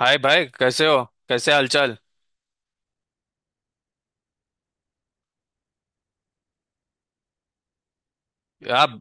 हाय भाई, कैसे हो? कैसे हालचाल? आप?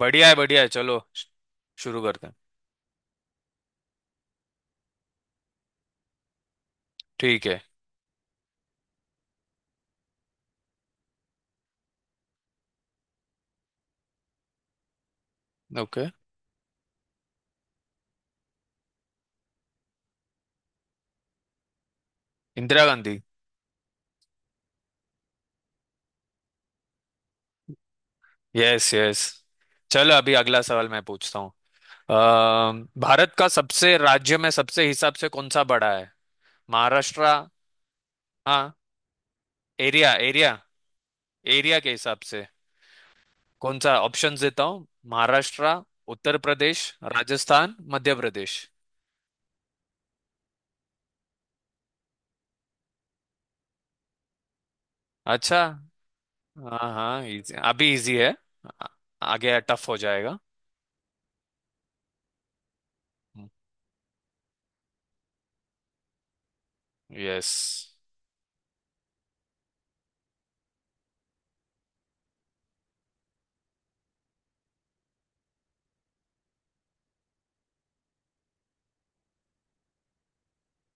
बढ़िया है, बढ़िया है। चलो, शुरू करते हैं। ठीक है। Okay. Indira Gandhi. Yes, yes. चलो, अभी अगला सवाल मैं पूछता हूँ। भारत का सबसे राज्य में सबसे हिसाब से कौन सा बड़ा है? महाराष्ट्र। हाँ, एरिया एरिया, एरिया के हिसाब से। कौन सा? ऑप्शंस देता हूँ। महाराष्ट्र, उत्तर प्रदेश, राजस्थान, मध्य प्रदेश। अच्छा। हाँ, हाँ, इजी। अभी इजी है। आ- आगे टफ हो जाएगा। यस।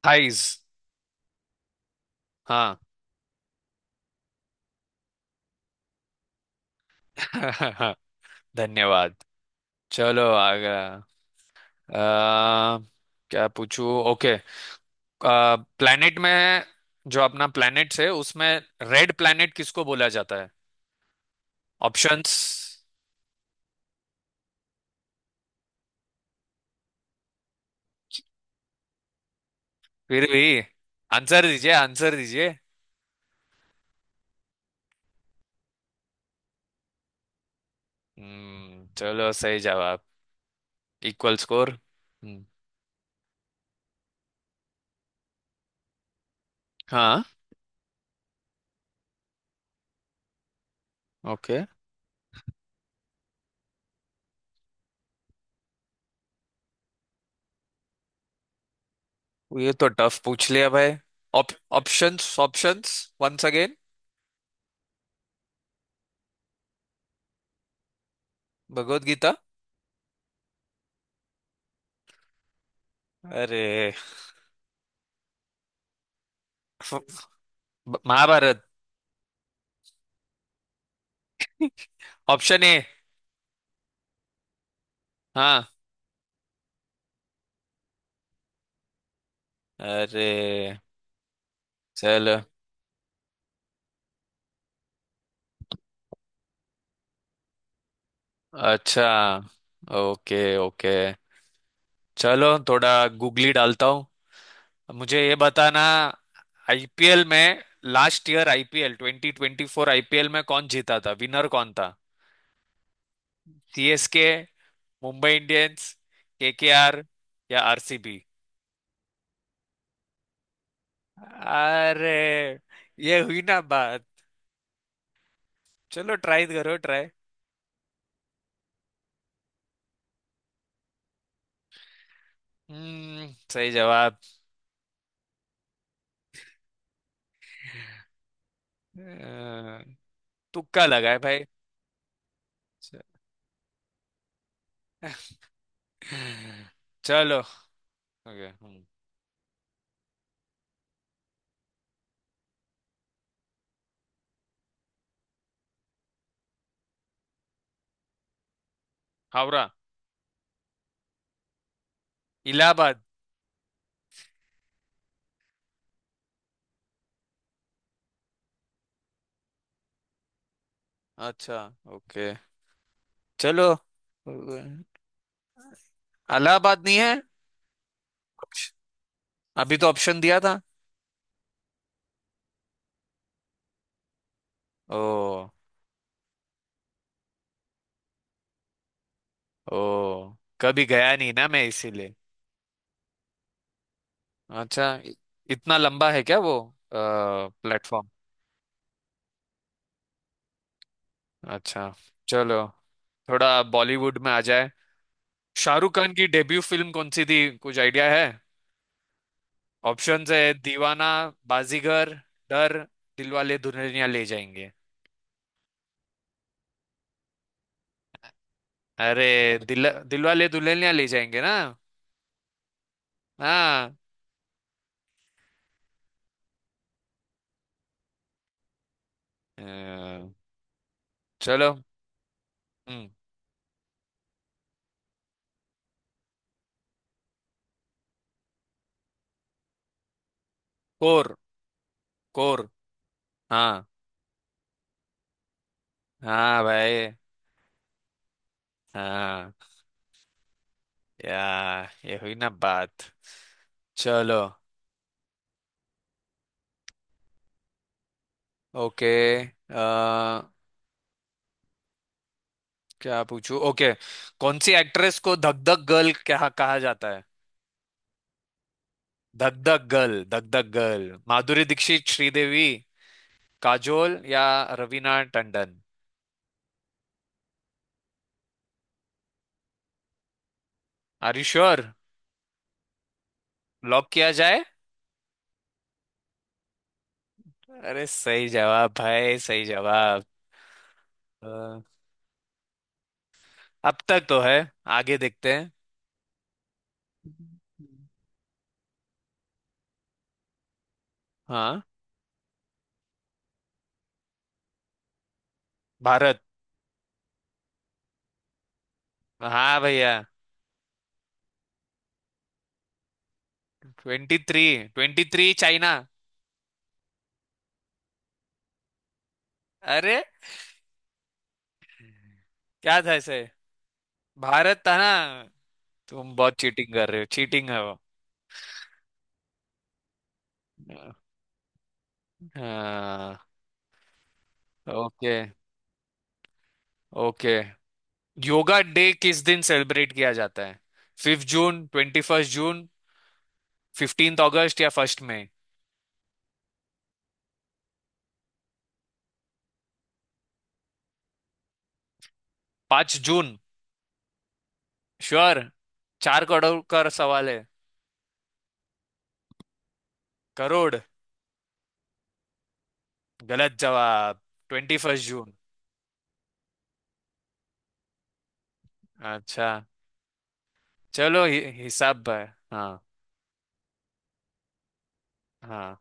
थाइज। हाँ। धन्यवाद। चलो, आगे। आ, क्या पूछूं? ओके। प्लेनेट में, जो अपना प्लेनेट है उसमें, रेड प्लेनेट किसको बोला जाता है? ऑप्शंस। फिर भी। आंसर दीजिए, आंसर दीजिए। हम्म। चलो, सही जवाब। Equal score. हम्म। हाँ। ओके। ये तो टफ पूछ लिया भाई। Op, options, options. Once again. Bhagavad Gita. अरे! फ- महाभारत। Option A. हाँ। अरे, चल। अच्छा। Okay, okay. चलो, थोड़ा गूगली डालता हूँ। मुझे ये बताना, आईपीएल में, लास्ट ईयर आईपीएल 2024 आईपीएल में कौन जीता था? विनर कौन था? सीएसके, मुंबई इंडियंस, केकेआर या आरसीबी। अरे! ये हुई ना बात। चलो, ट्राई करो, ट्राई। हम्म, सही जवाब। अ, तुक्का लगा है भाई। चलो। ओके। हावड़ा। इलाहाबाद। अच्छा। ओके। चलो। इलाहाबाद नहीं है? अभी तो ऑप्शन दिया था। ओ। ओ, कभी गया नहीं ना मैं, इसीलिए। अच्छा। इतना लंबा है क्या वो प्लेटफॉर्म? अच्छा। चलो, थोड़ा बॉलीवुड में आ जाए। शाहरुख खान की डेब्यू फिल्म कौन सी थी? कुछ आइडिया है? ऑप्शंस है: दीवाना, बाजीगर, डर, दिलवाले दुल्हनिया ले जाएंगे। अरे! दिलवाले दुल्हनिया ले जाएंगे ना? हाँ। अ, चलो। हम्म। कोर, कोर। हाँ। हाँ भाई। हाँ। या, ये हुई ना बात। चलो। ओके। क्या पूछूं? ओके। कौन सी एक्ट्रेस को धक धक गर्ल कहा कहा जाता है? धक धक गर्ल: माधुरी दीक्षित, श्रीदेवी, काजोल या Raveena Tandon. Are you sure? Lock किया जाए? अरे, सही जवाब भाई, सही जवाब। अ, अब तक तो है। आगे देखते हैं। हाँ। भारत। हाँ भैया। Twenty three. Twenty three China. अरे! क्या था ऐसे? भारत था ना! तुम बहुत चीटिंग कर रहे हो, चीटिंग है वो। हाँ। Okay, okay. योगा डे किस दिन सेलिब्रेट किया जाता है? 5 जून, 21 जून, 15 अगस्त या 1 मई। 5 जून? श्योर? 4 करोड़ का सवाल है। करोड़। गलत जवाब। 21 जून। अच्छा। चलो, हि हिसाब है। हाँ, हाँ।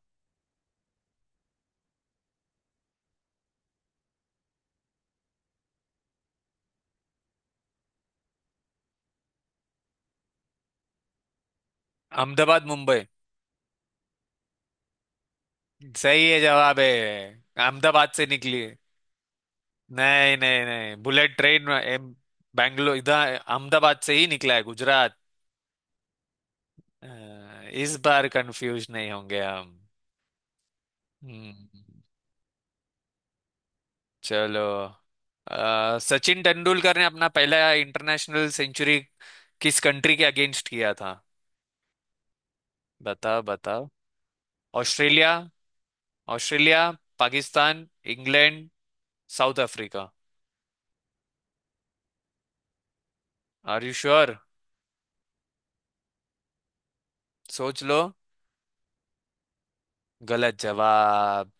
अहमदाबाद, मुंबई। सही है, जवाब है। अहमदाबाद से निकली है। नहीं, नहीं, नहीं। बुलेट ट्रेन में बैंगलोर इधर अहमदाबाद से ही निकला है, गुजरात। अ, इस बार कंफ्यूज नहीं होंगे हम। हम्म, चलो। सचिन तेंदुलकर ने अपना पहला इंटरनेशनल सेंचुरी किस कंट्री के अगेंस्ट किया था? बताओ, बताओ। Australia. Australia, Pakistan, England, South Africa. Are you sure? सोच लो। गलत जवाब।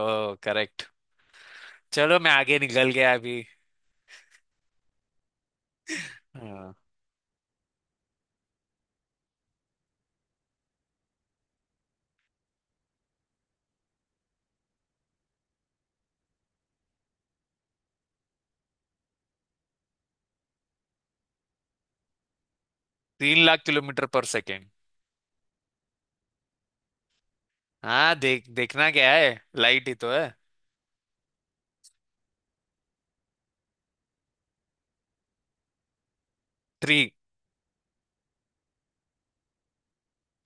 ओ, करेक्ट। चलो, मैं आगे निकल गया अभी। हाँ, 3 लाख किलोमीटर पर सेकेंड। हाँ, देखना क्या है, लाइट ही तो है। थ्री।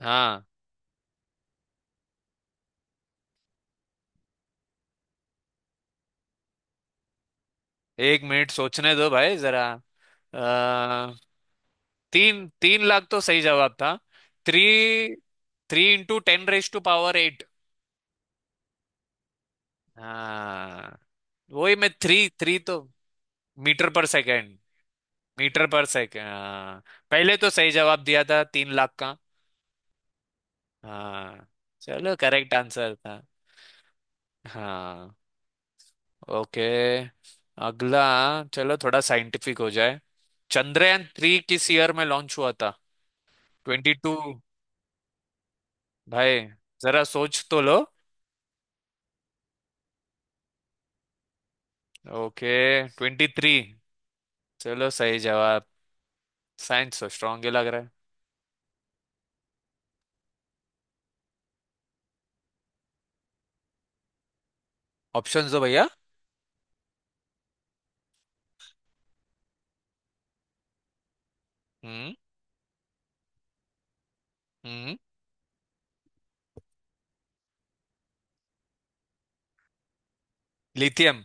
हाँ। एक मिनट सोचने दो भाई, जरा। आ, तीन तीन लाख तो सही जवाब था। Three three into ten raise to power eight. हाँ, वही मैं। थ्री थ्री तो। Metre per second. Metre per second. हाँ, पहले तो सही जवाब दिया था 3 लाख का। हाँ। चलो, करेक्ट आंसर था। हाँ। ओके। अगला। चलो, थोड़ा साइंटिफिक हो जाए। चंद्रयान थ्री किस ईयर में लॉन्च हुआ था? 2022? भाई, जरा सोच तो लो। ओके। 2023। चलो, सही जवाब। साइंस तो स्ट्रांग ही लग रहा है। ऑप्शन दो भैया। हम्म। हम्म। लिथियम।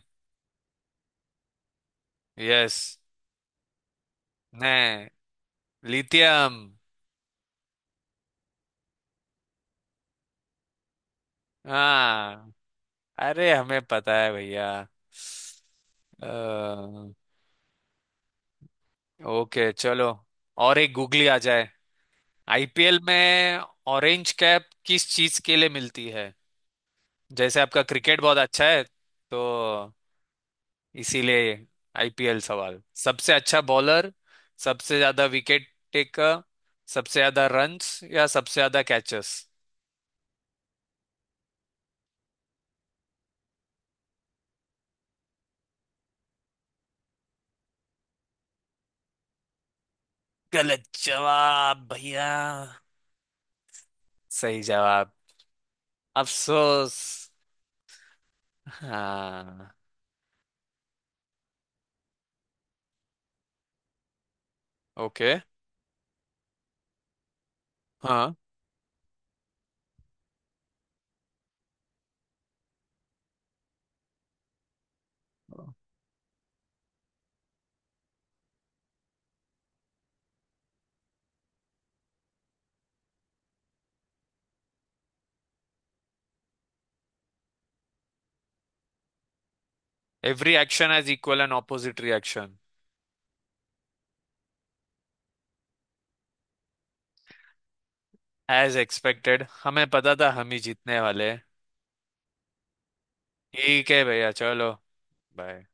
यस। नहीं, लिथियम। हाँ। अरे, हमें पता है भैया। अ, ओके। चलो, और एक गूगली आ जाए, आईपीएल में। ऑरेंज कैप किस चीज के लिए मिलती है? जैसे आपका क्रिकेट बहुत अच्छा है तो, इसीलिए। आईपीएल सवाल। सबसे अच्छा बॉलर, सबसे ज्यादा विकेट टेकर, सबसे ज्यादा रन्स या सबसे ज्यादा कैचेस। गलत जवाब भैया। सही जवाब। अफसोस। हाँ। ओके। हाँ। Every action has equal and opposite reaction. As expected, हमें पता था हम ही जीतने वाले हैं। ठीक है भैया, चलो। बाय।